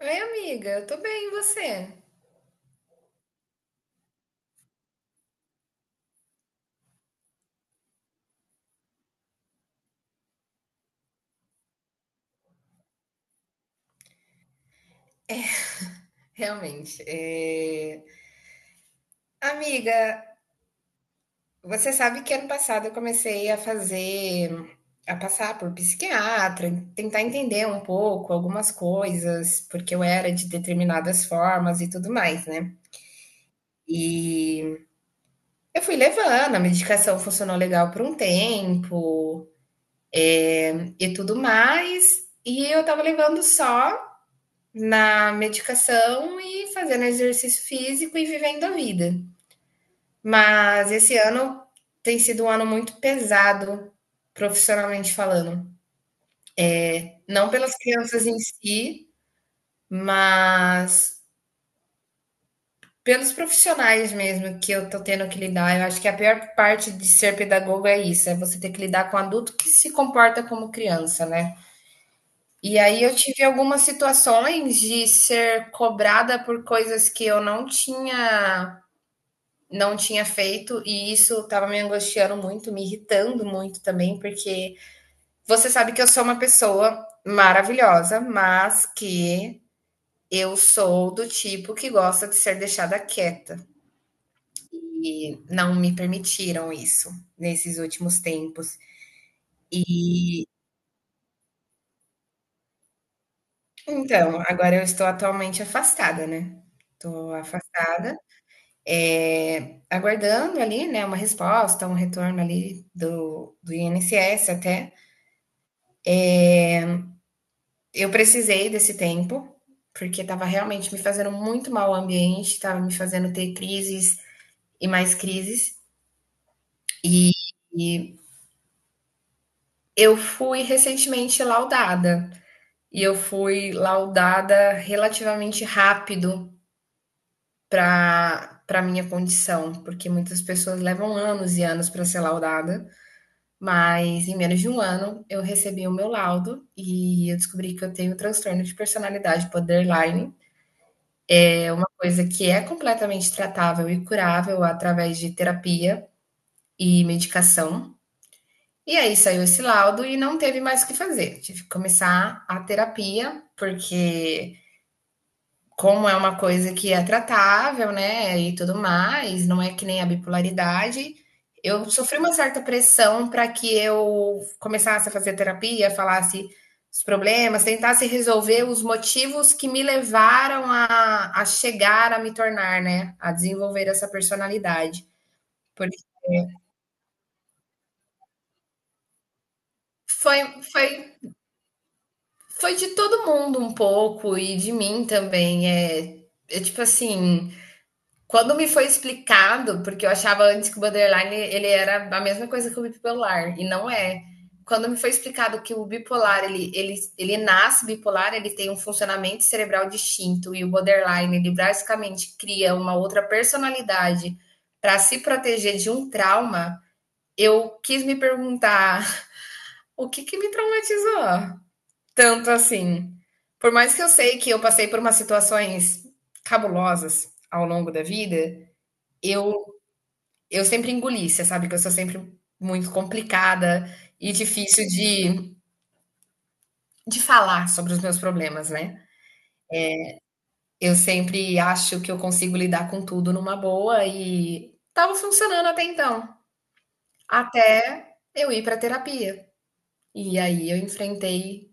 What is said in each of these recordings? Oi, amiga, eu tô bem, e você? Realmente. Amiga, você sabe que ano passado eu comecei a passar por psiquiatra, tentar entender um pouco algumas coisas, porque eu era de determinadas formas e tudo mais, né? E eu fui levando, a medicação funcionou legal por um tempo e tudo mais, e eu tava levando só na medicação e fazendo exercício físico e vivendo a vida. Mas esse ano tem sido um ano muito pesado, profissionalmente falando. Não pelas crianças em si, mas pelos profissionais mesmo que eu tô tendo que lidar. Eu acho que a pior parte de ser pedagogo é isso, é você ter que lidar com adulto que se comporta como criança, né? E aí eu tive algumas situações de ser cobrada por coisas que eu não tinha feito e isso estava me angustiando muito, me irritando muito também, porque você sabe que eu sou uma pessoa maravilhosa, mas que eu sou do tipo que gosta de ser deixada quieta. E não me permitiram isso nesses últimos tempos. Então, agora eu estou atualmente afastada, né? Estou afastada, aguardando ali, né, uma resposta, um retorno ali do INSS até. Eu precisei desse tempo, porque estava realmente me fazendo muito mal o ambiente, estava me fazendo ter crises e mais crises. E, e eu fui recentemente laudada. E eu fui laudada relativamente rápido para minha condição, porque muitas pessoas levam anos e anos para ser laudada, mas em menos de um ano eu recebi o meu laudo e eu descobri que eu tenho transtorno de personalidade borderline, uma coisa que é completamente tratável e curável através de terapia e medicação. E aí saiu esse laudo e não teve mais o que fazer. Tive que começar a terapia, porque como é uma coisa que é tratável, né, e tudo mais, não é que nem a bipolaridade, eu sofri uma certa pressão para que eu começasse a fazer terapia, falasse os problemas, tentasse resolver os motivos que me levaram a chegar a me tornar, né, a desenvolver essa personalidade. Porque foi, foi Foi de todo mundo um pouco e de mim também. É tipo assim, quando me foi explicado, porque eu achava antes que o borderline ele era a mesma coisa que o bipolar, e não é. Quando me foi explicado que o bipolar ele nasce bipolar, ele tem um funcionamento cerebral distinto, e o borderline ele basicamente cria uma outra personalidade para se proteger de um trauma, eu quis me perguntar o que, que me traumatizou tanto assim? Por mais que eu sei que eu passei por umas situações cabulosas ao longo da vida, eu, eu sempre engoli, você sabe que eu sou sempre muito complicada e difícil de falar sobre os meus problemas, né? Eu sempre acho que eu consigo lidar com tudo numa boa e estava funcionando até então, até eu ir para terapia. E aí eu enfrentei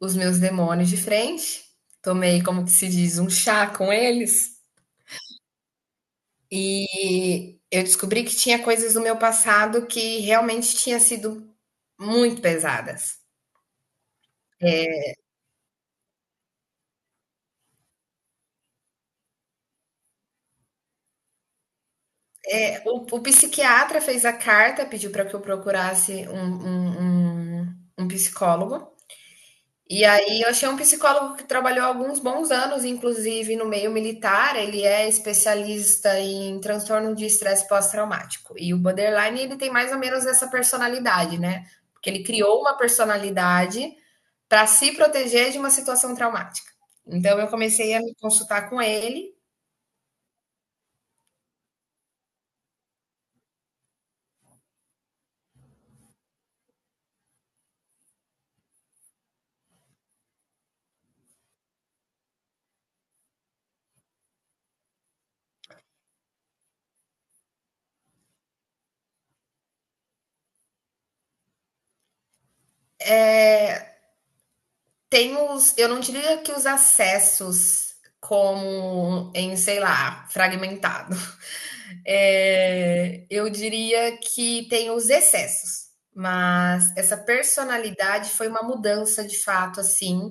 os meus demônios de frente, tomei, como que se diz, um chá com eles. E eu descobri que tinha coisas do meu passado que realmente tinha sido muito pesadas. É, o psiquiatra fez a carta, pediu para que eu procurasse um psicólogo. E aí eu achei um psicólogo que trabalhou alguns bons anos, inclusive, no meio militar. Ele é especialista em transtorno de estresse pós-traumático. E o borderline, ele tem mais ou menos essa personalidade, né? Porque ele criou uma personalidade para se proteger de uma situação traumática. Então eu comecei a me consultar com ele. É, tem os, eu não diria que os acessos como em, sei lá, fragmentado. É, eu diria que tem os excessos, mas essa personalidade foi uma mudança de fato, assim,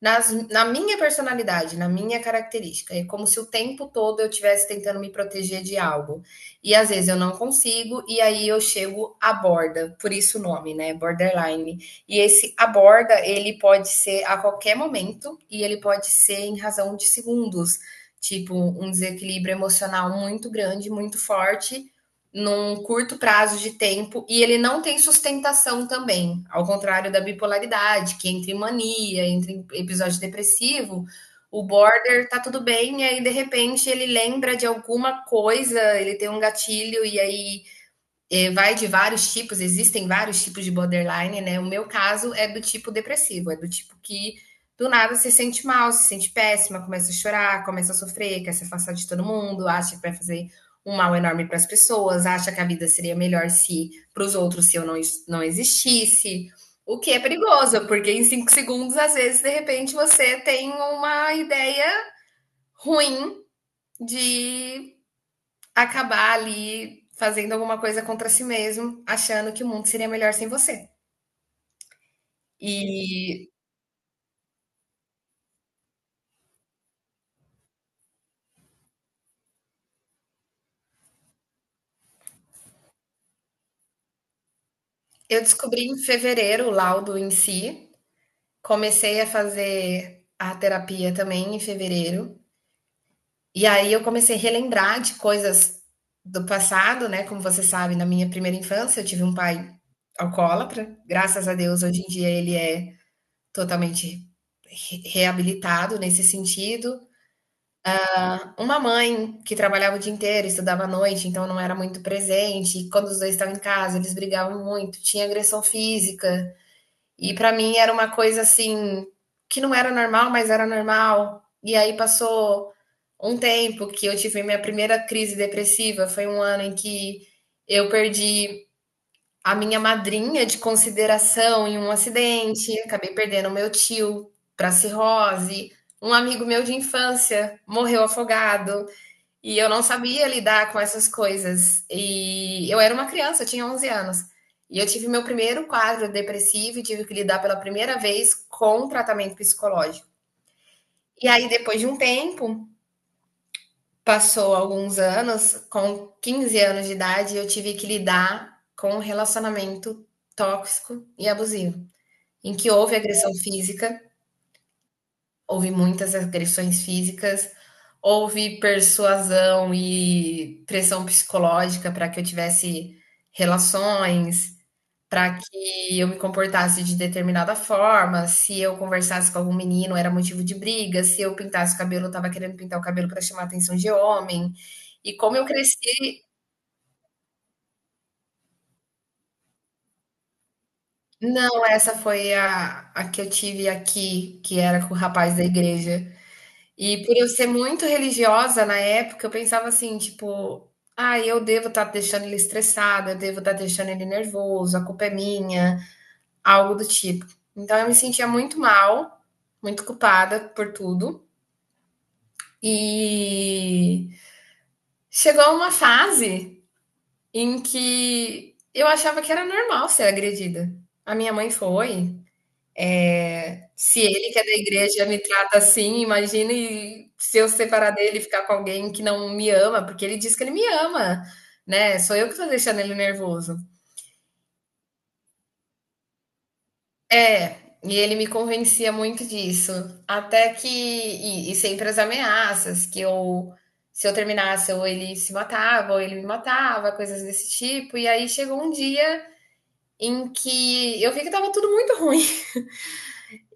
na minha personalidade, na minha característica. É como se o tempo todo eu estivesse tentando me proteger de algo. E às vezes eu não consigo, e aí eu chego à borda, por isso o nome, né? Borderline. E esse à borda, ele pode ser a qualquer momento, e ele pode ser em razão de segundos, tipo um desequilíbrio emocional muito grande, muito forte, num curto prazo de tempo, e ele não tem sustentação também, ao contrário da bipolaridade, que entre mania, entre episódio depressivo, o border tá tudo bem, e aí de repente ele lembra de alguma coisa, ele tem um gatilho, e aí é, vai de vários tipos, existem vários tipos de borderline, né? O meu caso é do tipo depressivo, é do tipo que do nada se sente mal, se sente péssima, começa a chorar, começa a sofrer, quer se afastar de todo mundo, acha que vai fazer um mal enorme para as pessoas, acha que a vida seria melhor se para os outros se eu não existisse. O que é perigoso, porque em 5 segundos, às vezes, de repente, você tem uma ideia ruim de acabar ali fazendo alguma coisa contra si mesmo, achando que o mundo seria melhor sem você. E eu descobri em fevereiro o laudo em si, comecei a fazer a terapia também em fevereiro, e aí eu comecei a relembrar de coisas do passado, né? Como você sabe, na minha primeira infância eu tive um pai alcoólatra, graças a Deus hoje em dia ele é totalmente reabilitado nesse sentido. Uma mãe que trabalhava o dia inteiro, estudava à noite, então não era muito presente. E quando os dois estavam em casa, eles brigavam muito, tinha agressão física. E pra mim era uma coisa assim que não era normal, mas era normal. E aí passou um tempo que eu tive minha primeira crise depressiva, foi um ano em que eu perdi a minha madrinha de consideração em um acidente, acabei perdendo o meu tio para cirrose, um amigo meu de infância morreu afogado. E eu não sabia lidar com essas coisas. E eu era uma criança, eu tinha 11 anos. E eu tive meu primeiro quadro depressivo e tive que lidar pela primeira vez com tratamento psicológico. E aí, depois de um tempo, passou alguns anos, com 15 anos de idade, eu tive que lidar com um relacionamento tóxico e abusivo, em que houve agressão física. Houve muitas agressões físicas, houve persuasão e pressão psicológica para que eu tivesse relações, para que eu me comportasse de determinada forma. Se eu conversasse com algum menino, era motivo de briga. Se eu pintasse o cabelo, eu estava querendo pintar o cabelo para chamar a atenção de homem. E como eu cresci. Não, essa foi a que eu tive aqui, que era com o rapaz da igreja. E por eu ser muito religiosa na época, eu pensava assim, tipo, ah, eu devo estar deixando ele estressado, eu devo estar deixando ele nervoso, a culpa é minha, algo do tipo. Então eu me sentia muito mal, muito culpada por tudo. E chegou uma fase em que eu achava que era normal ser agredida. A minha mãe foi. Se ele que é da igreja me trata assim, imagine se eu separar dele e ficar com alguém que não me ama, porque ele diz que ele me ama, né? Sou eu que tô deixando ele nervoso. É, e ele me convencia muito disso. Até que. E sempre as ameaças, que eu. Se eu terminasse, ou ele se matava, ou ele me matava, coisas desse tipo. E aí chegou um dia em que eu vi que tava tudo muito ruim.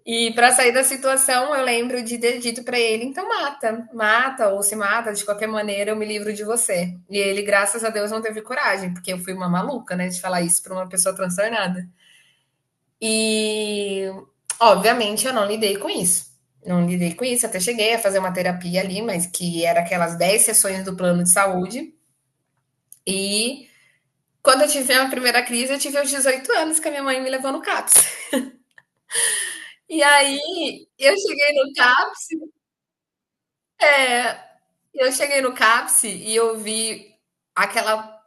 E para sair da situação, eu lembro de ter dito para ele: então mata, mata ou se mata, de qualquer maneira eu me livro de você. E ele, graças a Deus, não teve coragem, porque eu fui uma maluca, né, de falar isso para uma pessoa transtornada. E, obviamente, eu não lidei com isso. Não lidei com isso, até cheguei a fazer uma terapia ali, mas que era aquelas 10 sessões do plano de saúde. E quando eu tive a primeira crise, eu tive aos 18 anos que a minha mãe me levou no CAPS. E aí eu cheguei no CAPS Eu cheguei no CAPS e eu vi aquela,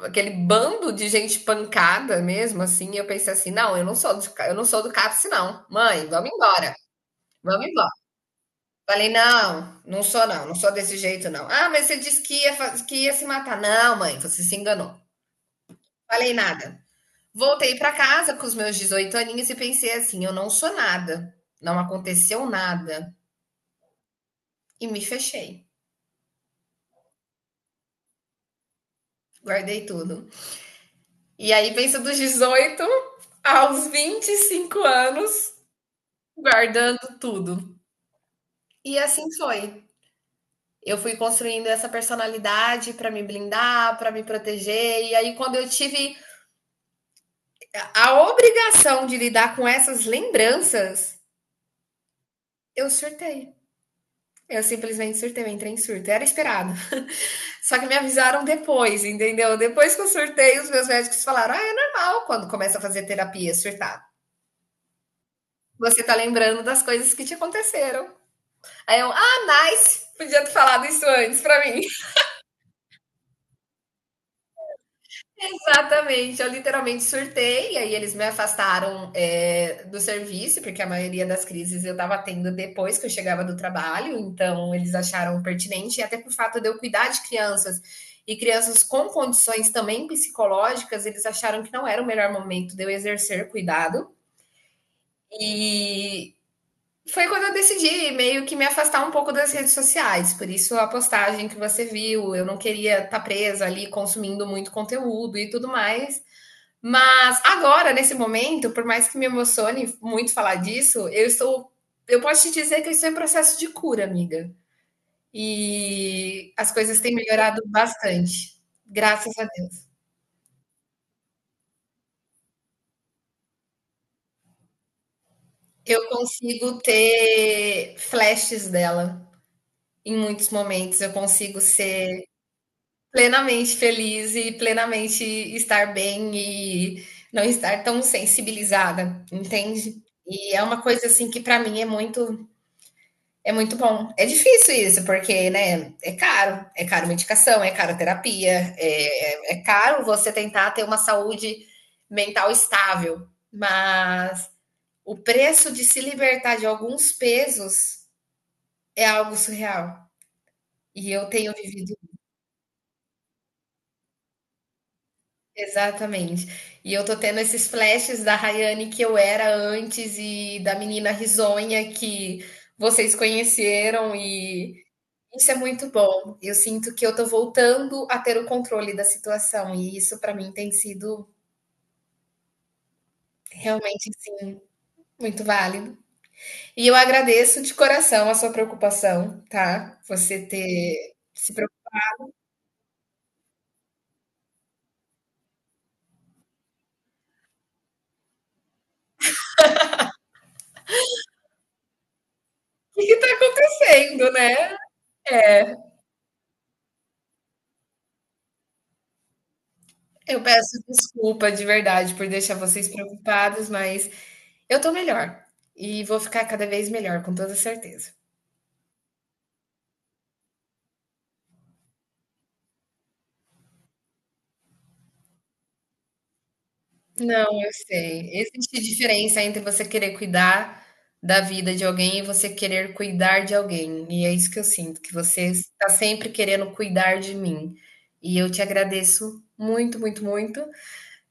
aquele bando de gente pancada mesmo, assim. E eu pensei assim, não, eu não sou do CAPS, não. Mãe, vamos embora, vamos embora. Falei, não, não sou não, não sou desse jeito não. Ah, mas você disse que ia, que ia se matar. Não, mãe, você se enganou. Falei nada. Voltei para casa com os meus 18 aninhos e pensei assim, eu não sou nada. Não aconteceu nada. E me fechei. Guardei tudo. E aí pensa dos 18 aos 25 anos, guardando tudo. E assim foi. Eu fui construindo essa personalidade para me blindar, para me proteger. E aí, quando eu tive a obrigação de lidar com essas lembranças, eu surtei. Eu simplesmente surtei, eu entrei em surto. Era esperado. Só que me avisaram depois, entendeu? Depois que eu surtei, os meus médicos falaram: ah, é normal quando começa a fazer terapia surtar. Você tá lembrando das coisas que te aconteceram. Aí eu, ah, nice! Podia ter falado isso antes pra mim. Exatamente, eu literalmente surtei, e aí eles me afastaram é, do serviço, porque a maioria das crises eu tava tendo depois que eu chegava do trabalho, então eles acharam pertinente, e até por fato de eu cuidar de crianças e crianças com condições também psicológicas, eles acharam que não era o melhor momento de eu exercer cuidado. E, foi quando eu decidi meio que me afastar um pouco das redes sociais, por isso a postagem que você viu, eu não queria estar presa ali consumindo muito conteúdo e tudo mais. Mas agora, nesse momento, por mais que me emocione muito falar disso, eu estou. Eu posso te dizer que eu estou em processo de cura, amiga. E as coisas têm melhorado bastante. Graças a Deus. Eu consigo ter flashes dela em muitos momentos. Eu consigo ser plenamente feliz e plenamente estar bem e não estar tão sensibilizada, entende? E é uma coisa assim que para mim é muito bom. É difícil isso, porque né, é caro medicação, é caro terapia, é caro você tentar ter uma saúde mental estável, mas o preço de se libertar de alguns pesos é algo surreal. E eu tenho vivido. Exatamente. E eu tô tendo esses flashes da Rayane que eu era antes e da menina risonha que vocês conheceram e isso é muito bom. Eu sinto que eu tô voltando a ter o controle da situação e isso pra mim tem sido realmente, assim, muito válido. E eu agradeço de coração a sua preocupação, tá? Você ter se preocupado com o que tá acontecendo, né? É, eu peço desculpa de verdade por deixar vocês preocupados, mas eu tô melhor, e vou ficar cada vez melhor, com toda certeza. Não, eu sei. Existe diferença entre você querer cuidar da vida de alguém e você querer cuidar de alguém, e é isso que eu sinto, que você está sempre querendo cuidar de mim. E eu te agradeço muito, muito, muito.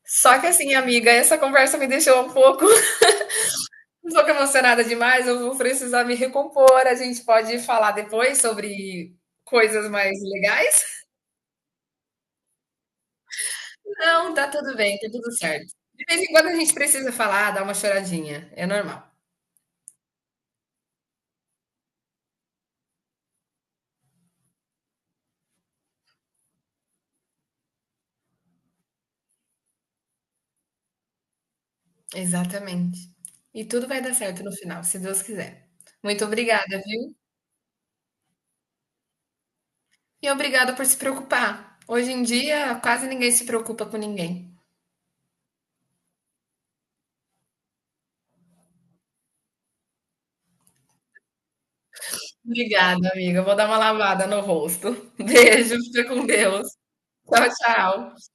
Só que assim, amiga, essa conversa me deixou um pouco um pouco emocionada demais, eu vou precisar me recompor. A gente pode falar depois sobre coisas mais legais? Não, tá tudo bem, tá tudo certo. De vez em quando a gente precisa falar, dar uma choradinha, é normal. Exatamente. E tudo vai dar certo no final, se Deus quiser. Muito obrigada, viu? E obrigada por se preocupar. Hoje em dia, quase ninguém se preocupa com ninguém. Obrigada, amiga. Eu vou dar uma lavada no rosto. Beijo, fica com Deus. Tchau, tchau.